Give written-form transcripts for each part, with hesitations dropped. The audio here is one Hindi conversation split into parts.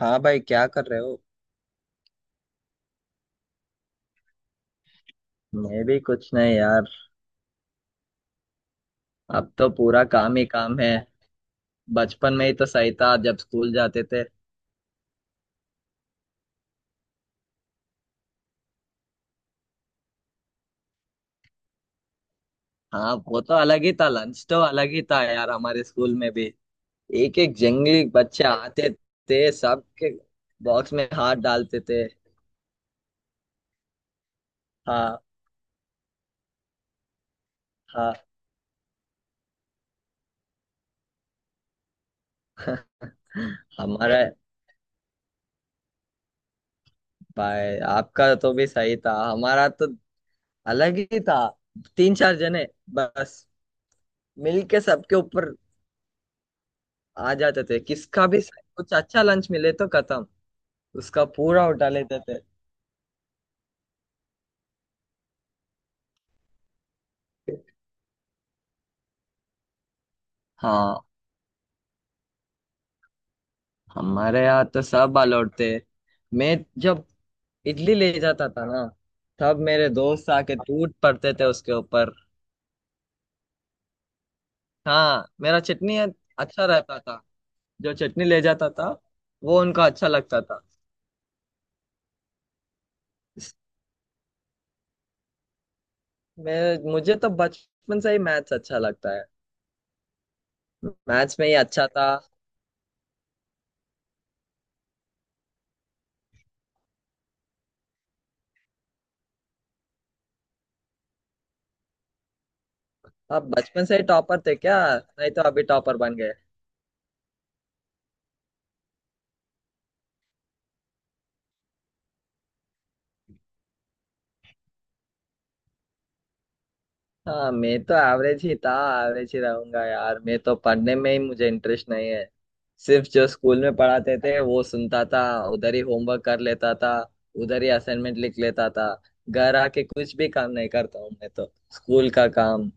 हाँ भाई, क्या कर रहे हो। मैं भी कुछ नहीं यार। अब तो पूरा काम ही काम है। बचपन में ही तो सही था जब स्कूल जाते थे। हाँ, वो तो अलग ही था, लंच तो अलग ही था यार, हमारे स्कूल में भी एक एक जंगली बच्चे आते थे, सबके बॉक्स में हाथ डालते थे। हाँ। हाँ। हमारा... भाई आपका तो भी सही था, हमारा तो अलग ही था। तीन चार जने बस मिलके सबके ऊपर आ जाते थे। किसका भी कुछ अच्छा लंच मिले तो खत्म, उसका पूरा उठा लेते थे। हाँ, हमारे यहाँ तो सब अलाउड थे। मैं जब इडली ले जाता था ना, तब मेरे दोस्त आके टूट पड़ते थे उसके ऊपर। हाँ, मेरा चटनी अच्छा रहता था। जो चटनी ले जाता था वो उनको अच्छा लगता था। मैं मुझे तो बचपन से ही मैथ्स अच्छा लगता है। मैथ्स में ही अच्छा था। आप बचपन से ही टॉपर थे क्या, नहीं तो अभी टॉपर बन गए? हाँ, मैं तो एवरेज ही था, एवरेज ही रहूंगा यार। मैं तो पढ़ने में ही मुझे इंटरेस्ट नहीं है। सिर्फ जो स्कूल में पढ़ाते थे वो सुनता था। उधर ही होमवर्क कर लेता था, उधर ही असाइनमेंट लिख लेता था। घर आके कुछ भी काम नहीं करता हूँ मैं तो, स्कूल का काम।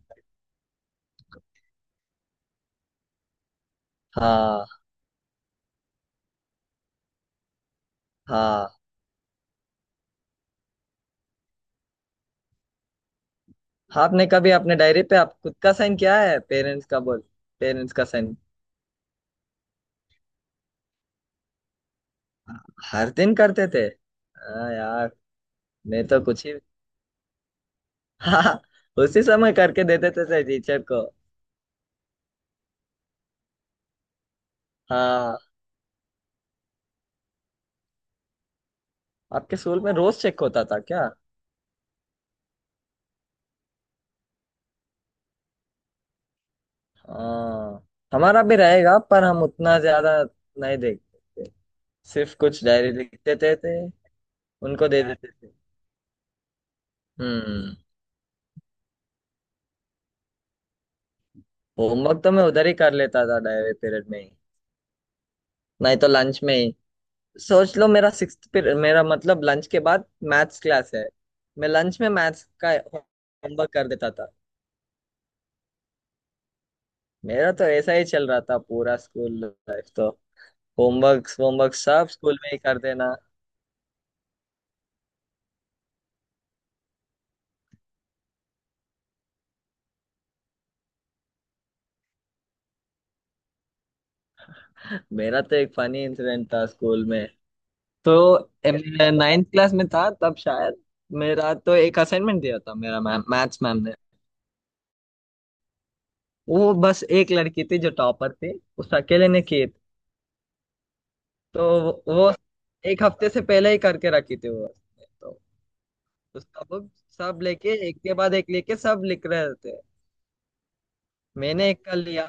हाँ। हाँ। हाँ, आपने कभी अपने डायरी पे आप खुद का साइन किया है, पेरेंट्स का बोल... पेरेंट्स का साइन? हर दिन करते थे? हाँ यार। मैं तो कुछ ही हाँ, उसी समय करके देते थे टीचर को। हाँ, आपके स्कूल में रोज चेक होता था क्या? हाँ, हमारा भी रहेगा पर हम उतना ज्यादा नहीं देखते थे। सिर्फ कुछ डायरी लिख देते थे, उनको दे देते थे। हम्म। होमवर्क तो मैं उधर ही कर लेता था, डायरी पीरियड में ही। नहीं तो लंच में ही। सोच लो, मेरा सिक्स्थ पीरियड मेरा मतलब लंच के बाद मैथ्स क्लास है। मैं लंच में मैथ्स का होमवर्क कर देता था। मेरा तो ऐसा ही चल रहा था पूरा स्कूल लाइफ तो। होमवर्क होमवर्क सब स्कूल में ही कर देना। मेरा तो एक फनी इंसिडेंट था स्कूल में। तो नाइन्थ क्लास में था तब शायद। मेरा तो एक असाइनमेंट दिया था मेरा मैम, मैथ्स मैम ने। वो बस एक लड़की थी जो टॉपर थी, उस अकेले ने की। तो वो एक हफ्ते से पहले ही करके रखी थी वो तो। तो सब सब लेके एक के बाद एक लेके सब लिख रहे थे। मैंने एक का लिया।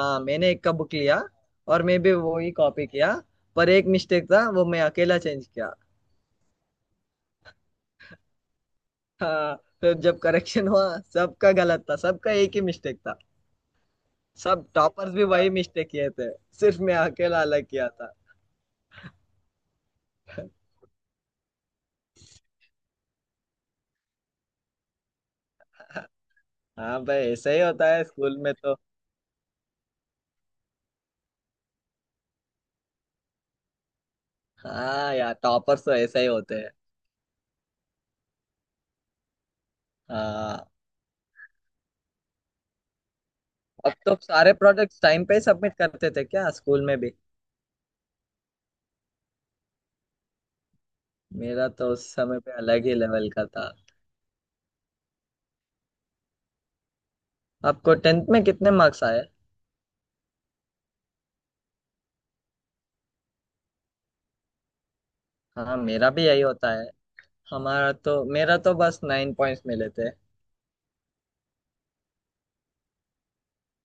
हाँ, मैंने एक का बुक लिया, और मैं भी वो ही कॉपी किया। पर एक मिस्टेक था, वो मैं अकेला चेंज किया। हाँ। फिर जब करेक्शन हुआ, सबका गलत था, सबका एक ही मिस्टेक था। सब टॉपर्स भी वही मिस्टेक किए थे, सिर्फ मैं अकेला अलग किया था। हाँ भाई, ऐसा ही होता है स्कूल में तो। हाँ यार, टॉपर्स तो ऐसा ही होते हैं। हाँ। अब तो सारे प्रोजेक्ट्स टाइम पे सबमिट करते थे क्या स्कूल में भी? मेरा तो उस समय पे अलग ही लेवल का था। आपको टेंथ में कितने मार्क्स आए? हाँ, मेरा भी यही होता है। हमारा तो मेरा तो बस 9 पॉइंट्स मिले थे।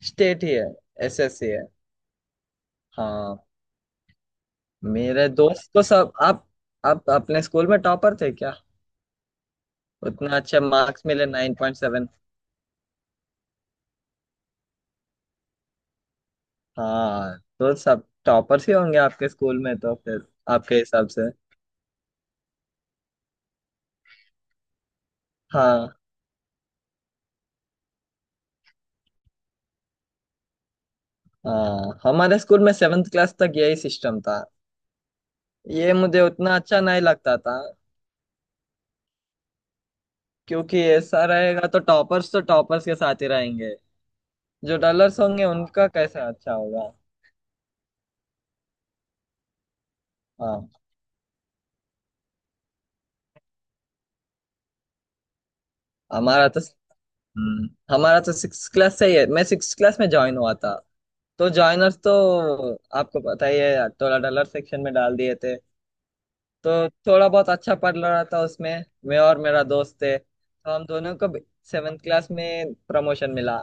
स्टेट ही है, एसएससी है। हाँ। मेरे दोस्त तो सब आप अपने स्कूल में टॉपर थे क्या? उतना अच्छे मार्क्स मिले, 9.7। हाँ, तो सब टॉपर्स ही होंगे आपके स्कूल में तो फिर, आपके हिसाब से। हाँ। हाँ, हमारे स्कूल में सेवेंथ क्लास तक यही सिस्टम था। ये मुझे उतना अच्छा नहीं लगता था, क्योंकि ऐसा रहेगा तो टॉपर्स के साथ ही रहेंगे, जो डलर्स होंगे उनका कैसा अच्छा होगा। हाँ, हमारा तो हम्म, हमारा तो सिक्स क्लास से ही है। मैं सिक्स क्लास में ज्वाइन हुआ था, तो जॉइनर्स तो आपको पता ही है, टोला डॉलर सेक्शन में डाल दिए थे। तो थोड़ा बहुत अच्छा पढ़ रहा था उसमें, मैं और मेरा दोस्त थे, तो हम दोनों को सेवेंथ क्लास में प्रमोशन मिला।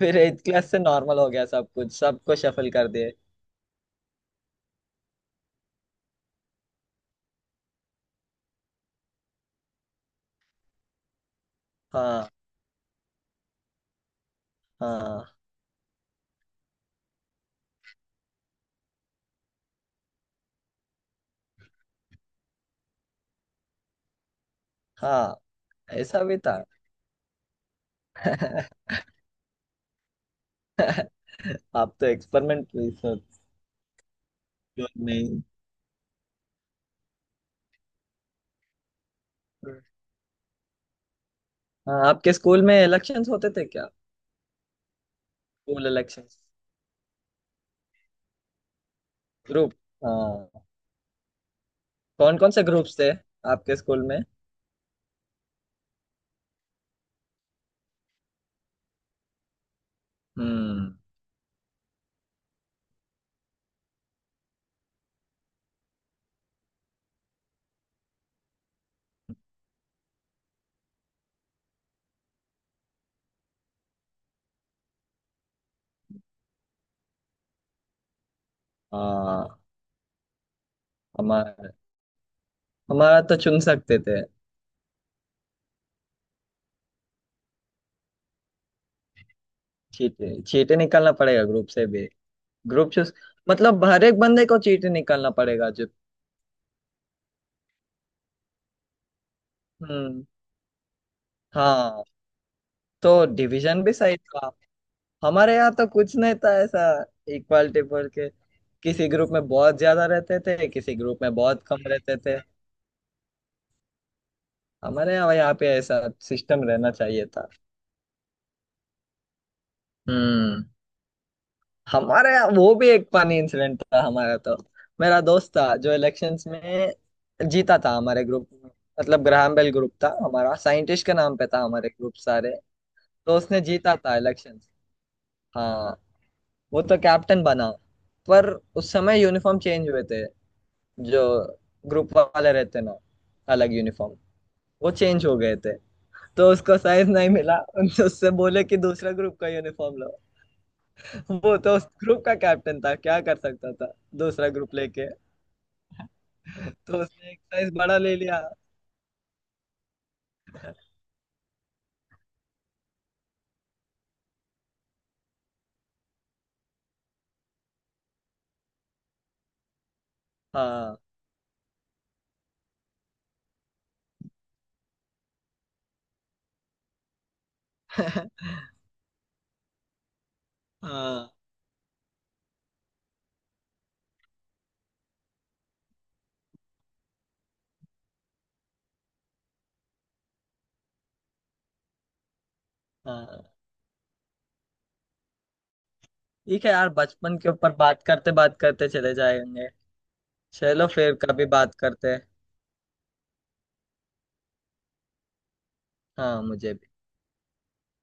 फिर एट्थ क्लास से नॉर्मल हो गया सब कुछ, सबको शफल कर दिए। हाँ। हाँ। हाँ, ऐसा भी था। आप तो एक्सपेरिमेंट रिसर्च, नहीं। हाँ, आपके स्कूल में इलेक्शंस होते थे क्या? School elections, group. हाँ। कौन कौन से ग्रुप्स थे आपके स्कूल में? हम्म। हाँ, हमारा... हमारा तो चुन सकते थे। चीटे चीटे निकालना पड़ेगा ग्रुप से भी, ग्रुप चूज, मतलब हर एक बंदे को चीटे निकालना पड़ेगा जो। हम्म। हाँ, तो डिवीजन भी सही था। हमारे यहाँ तो कुछ नहीं था ऐसा, इक्वालिटी बोल के। किसी ग्रुप में बहुत ज्यादा रहते थे, किसी ग्रुप में बहुत कम रहते थे। हमारे यहाँ यहाँ पे ऐसा सिस्टम रहना चाहिए था। हम्म। हमारे यहाँ वो भी एक पानी इंसिडेंट था हमारा तो। मेरा दोस्त था जो इलेक्शंस में जीता था हमारे ग्रुप में। मतलब ग्राहम बेल ग्रुप था हमारा, साइंटिस्ट के नाम पे था हमारे ग्रुप सारे। तो उसने जीता था इलेक्शंस। हाँ। वो तो कैप्टन बना, पर उस समय यूनिफॉर्म चेंज हुए थे। जो ग्रुप वाले रहते ना, अलग यूनिफॉर्म, वो चेंज हो गए थे। तो उसको साइज नहीं मिला, उनसे उससे बोले कि दूसरा ग्रुप का यूनिफॉर्म लो। वो तो उस ग्रुप का कैप्टन था, क्या कर सकता था? दूसरा ग्रुप लेके तो उसने एक साइज बड़ा ले लिया। हाँ। हाँ। हाँ, ठीक है यार, बचपन के ऊपर बात करते चले जाएंगे। चलो फिर कभी बात करते हैं। हाँ, मुझे भी।